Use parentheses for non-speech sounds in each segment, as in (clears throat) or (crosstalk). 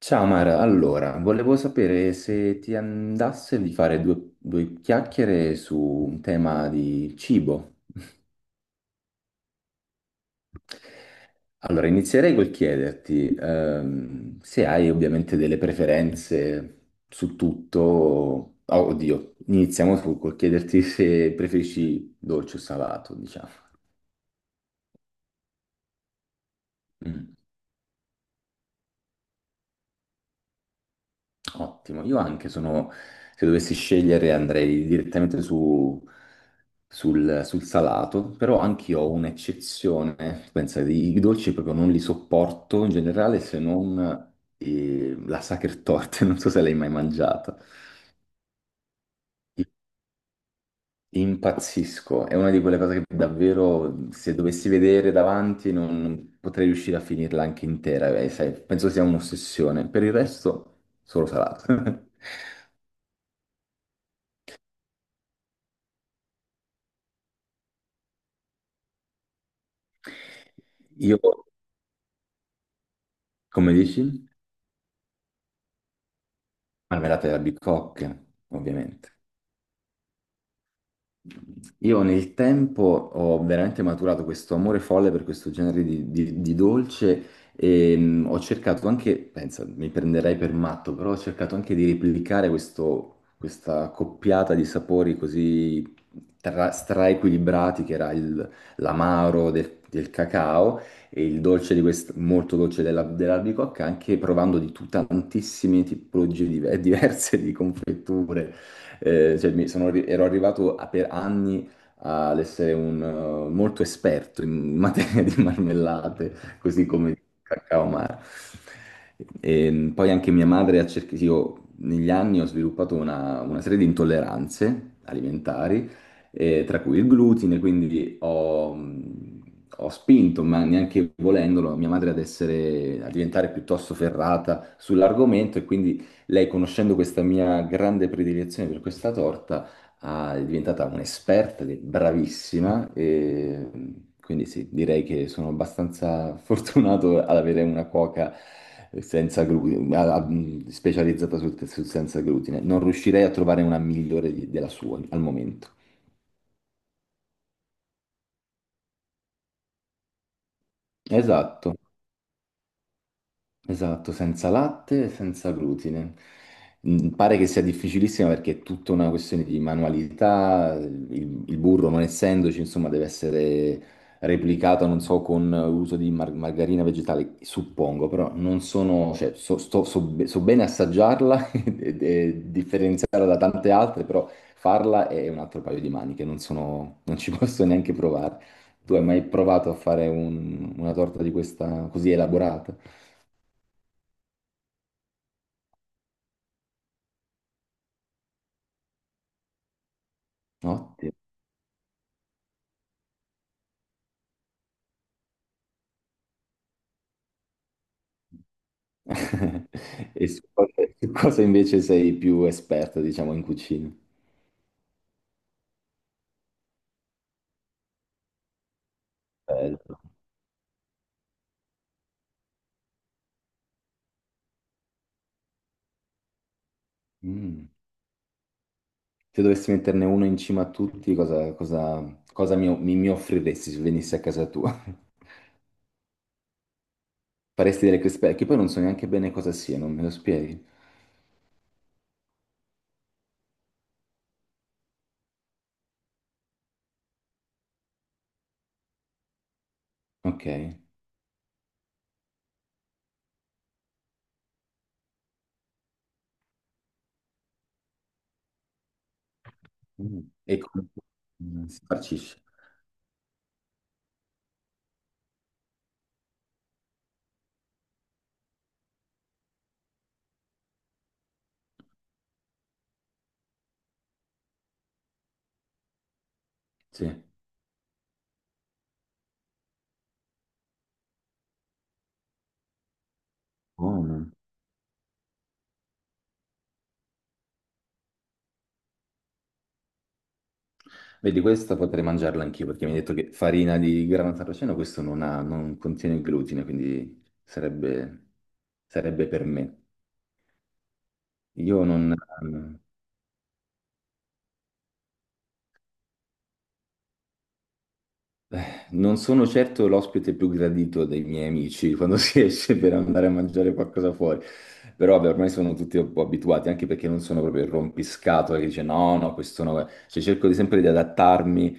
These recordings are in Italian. Ciao Mara, allora, volevo sapere se ti andasse di fare due chiacchiere su un tema di cibo. Allora, inizierei col chiederti se hai ovviamente delle preferenze su tutto. Oh, oddio, col chiederti se preferisci dolce o salato, diciamo. Mm. Ottimo, io anche sono, se dovessi scegliere andrei direttamente sul salato, però anche io ho un'eccezione, pensa, i dolci proprio non li sopporto in generale se non la sacher torta, (laughs) non so se l'hai mai mangiata. Impazzisco, è una di quelle cose che davvero se dovessi vedere davanti non potrei riuscire a finirla anche intera, sai, penso sia un'ossessione. Per il resto, solo salato. (laughs) Io. Come dici? Marmellata e albicocche, ovviamente. Io nel tempo ho veramente maturato questo amore folle per questo genere di dolce e ho cercato anche, pensa, mi prenderei per matto, però ho cercato anche di replicare questa coppiata di sapori così straequilibrati l'amaro del cacao e il dolce di molto dolce dell'albicocca, anche provando tantissime tipologie diverse di confetture cioè, ero arrivato per anni ad essere un, molto esperto in (laughs) materia di marmellate, così come di cacao amaro. E poi anche mia madre ha cercato, io negli anni ho sviluppato una serie di intolleranze alimentari, tra cui il glutine, quindi ho spinto, ma neanche volendolo, mia madre ad essere, a diventare piuttosto ferrata sull'argomento e quindi lei, conoscendo questa mia grande predilezione per questa torta, è diventata un'esperta, ed è bravissima, e quindi sì, direi che sono abbastanza (laughs) fortunato ad avere una cuoca senza glutine, specializzata sul senza glutine. Non riuscirei a trovare una migliore della sua al momento. Esatto. Esatto, senza latte e senza glutine. Mm. Pare che sia difficilissima perché è tutta una questione di manualità, il burro non essendoci, insomma, deve essere replicato, non so, con l'uso di margarina vegetale, suppongo, però non sono, cioè, so, so bene assaggiarla (laughs) e differenziarla da tante altre, però farla è un altro paio di maniche, non sono, non ci (laughs) posso neanche provare. Tu hai mai provato a fare una torta di questa così elaborata? Ottimo. (laughs) E su cosa invece sei più esperto, diciamo, in cucina? Bello. Mm. Se dovessi metterne uno in cima a tutti, cosa mi offriresti se venissi a casa tua? (laughs) Faresti delle crispe, che poi non so neanche bene cosa sia, non me lo spieghi? Ok. Mm. E come mm, si farcisce? Sì. Buono. Vedi, questa potrei mangiarla anch'io perché mi hai detto che farina di grano saraceno, questo non ha, non contiene glutine, quindi sarebbe per me. Io non, non sono certo l'ospite più gradito dei miei amici quando (laughs) si esce per andare a mangiare qualcosa fuori, però vabbè, ormai sono tutti un po' abituati, anche perché non sono proprio il rompiscatole che dice no, no, questo no. Cioè, cerco di sempre di adattarmi.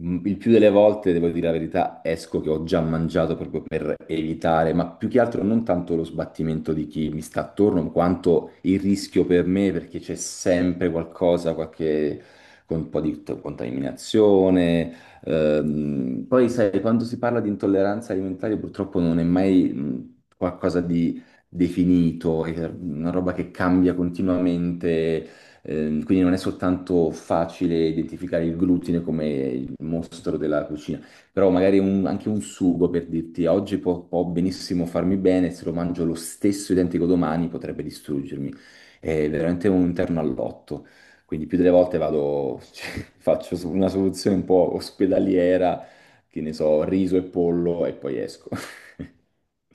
Mm. Il più delle volte, devo dire la verità, esco che ho già mangiato proprio per evitare, ma più che altro non tanto lo sbattimento di chi mi sta attorno, quanto il rischio per me, perché c'è sempre qualcosa, qualche... con un po' contaminazione. Poi sai, quando si parla di intolleranza alimentare, purtroppo non è mai qualcosa di definito, è una roba che cambia continuamente, quindi non è soltanto facile identificare il glutine come il mostro della cucina, però magari anche un sugo per dirti oggi può benissimo farmi bene, se lo mangio lo stesso identico domani potrebbe distruggermi. È veramente un interno all'otto. Quindi più delle volte vado, (laughs) cioè, una soluzione un po' ospedaliera, che ne so, riso e pollo e poi esco. (laughs)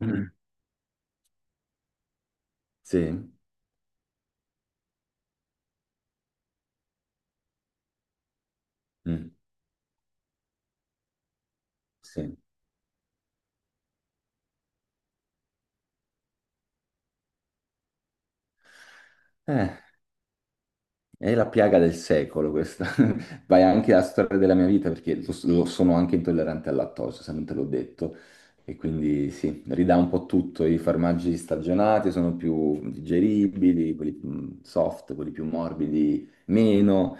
Mm. Sì, mm, sì. Eh, è la piaga del secolo questa. (laughs) Vai anche alla storia della mia vita perché lo sono anche intollerante al lattosio, se non te l'ho detto. E quindi sì, ridà un po' tutto. I formaggi stagionati sono più digeribili, quelli più mm, soft, quelli più morbidi meno.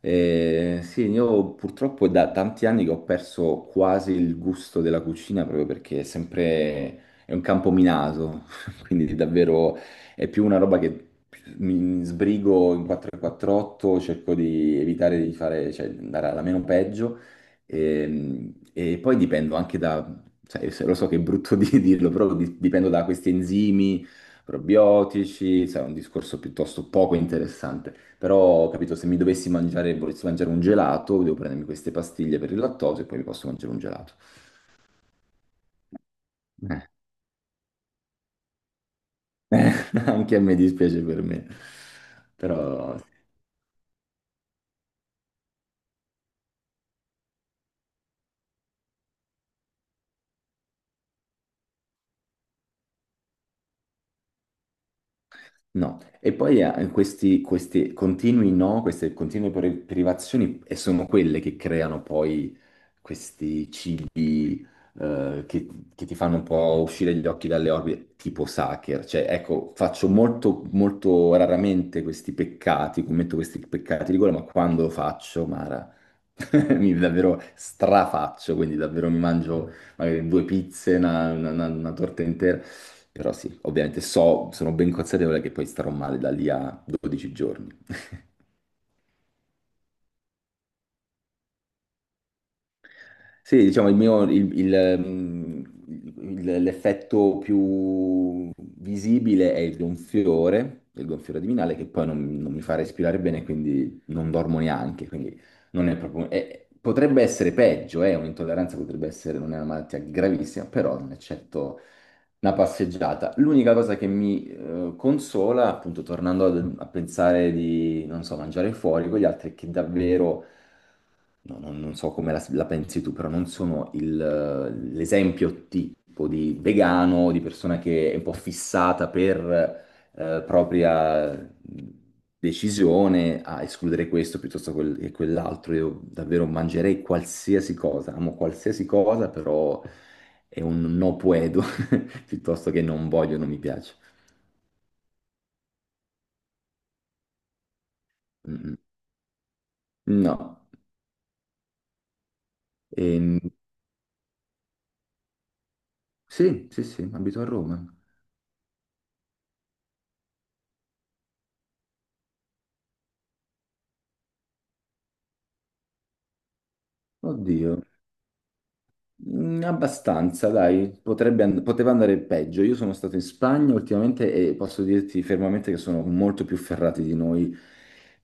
Sì, io purtroppo è da tanti anni che ho perso quasi il gusto della cucina proprio perché è sempre è un campo minato, (laughs) quindi davvero è più una roba che mi sbrigo in 448, cerco di evitare di fare, cioè, di andare alla meno peggio. E poi dipendo anche da, cioè, lo so che è brutto (laughs) di dirlo, però dipendo da questi enzimi, probiotici, sai, è un discorso piuttosto poco interessante. Però, capito, se mi dovessi mangiare, volessi mangiare un gelato, devo prendermi queste pastiglie per il lattosio e poi mi posso mangiare un gelato. Eh. (laughs) Anche a me dispiace per me. Però no, e poi questi continui no, queste continue privazioni e sono quelle che creano poi questi cibi eh, che, che ti fanno un po' uscire gli occhi dalle orbite, tipo Sacher. Cioè, ecco, faccio molto, molto raramente questi peccati, commetto questi peccati di gola, ma quando lo faccio, Mara, (laughs) mi davvero strafaccio, quindi davvero mi mangio magari due pizze, una torta intera. Però sì, ovviamente so, sono ben consapevole che poi starò male da lì a 12 giorni. (laughs) Sì, diciamo, l'effetto più visibile è il gonfiore addominale, che poi non mi fa respirare bene, quindi non dormo neanche, quindi non è proprio... potrebbe essere peggio, un'intolleranza potrebbe essere, non è una malattia gravissima, però non eccetto una passeggiata. L'unica cosa che mi consola, appunto, tornando a, pensare di, non so, mangiare fuori con gli altri, è che davvero, no, non so come la pensi tu, però non sono il, l'esempio tipo di vegano, di persona che è un po' fissata per propria decisione a escludere questo piuttosto che quell'altro. Io davvero mangerei qualsiasi cosa, amo qualsiasi cosa, però è un no puedo piuttosto che non voglio, non mi piace. Mm, mm. No. Ehm, sì, sì, sì, abito a Roma. Oddio. Mm, abbastanza, dai, poteva andare peggio. Io sono stato in Spagna ultimamente e posso dirti fermamente che sono molto più ferrati di noi,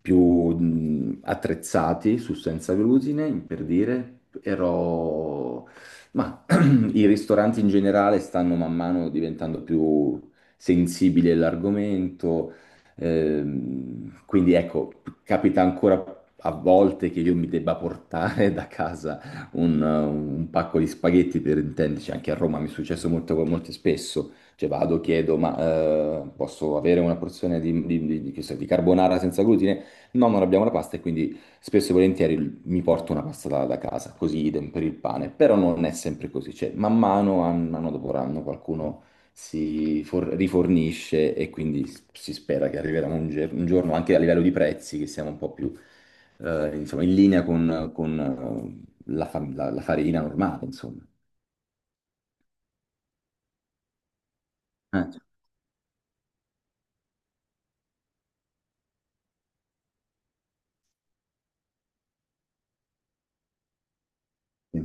più mm, attrezzati su senza glutine, per dire. Ero... Ma (clears throat) i ristoranti in generale stanno man mano diventando più sensibili all'argomento, quindi ecco, capita ancora a volte che io mi debba portare (laughs) da casa un pacco di spaghetti per intenderci, anche a Roma mi è successo molto, molto spesso, cioè vado, chiedo, ma posso avere una porzione che so, di carbonara senza glutine? No, non abbiamo la pasta e quindi spesso e volentieri mi porto una pasta da casa, così idem per il pane, però non è sempre così, cioè man mano, anno dopo anno, qualcuno rifornisce e quindi si spera che arriverà un, un giorno anche a livello di prezzi che siamo un po' più insomma, in linea con, la farina normale, insomma. Eh, Sì.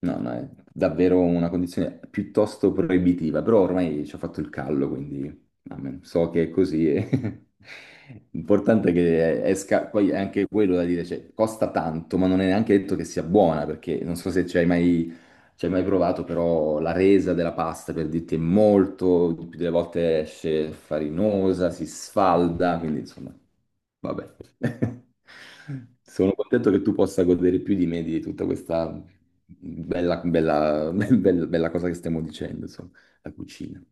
No, no, è davvero una condizione piuttosto proibitiva, però ormai ci ho fatto il callo, quindi amen. So che è così. E... (laughs) L'importante è che esca, poi è anche quello da dire, cioè, costa tanto, ma non è neanche detto che sia buona, perché non so se ci hai mai, ci hai mai provato, però la resa della pasta, per dirti, è molto, di più delle volte esce farinosa, si sfalda, quindi insomma... Vabbè, (laughs) sono contento che tu possa godere più di me di tutta questa bella, bella, (laughs) bella cosa che stiamo dicendo, insomma, la cucina.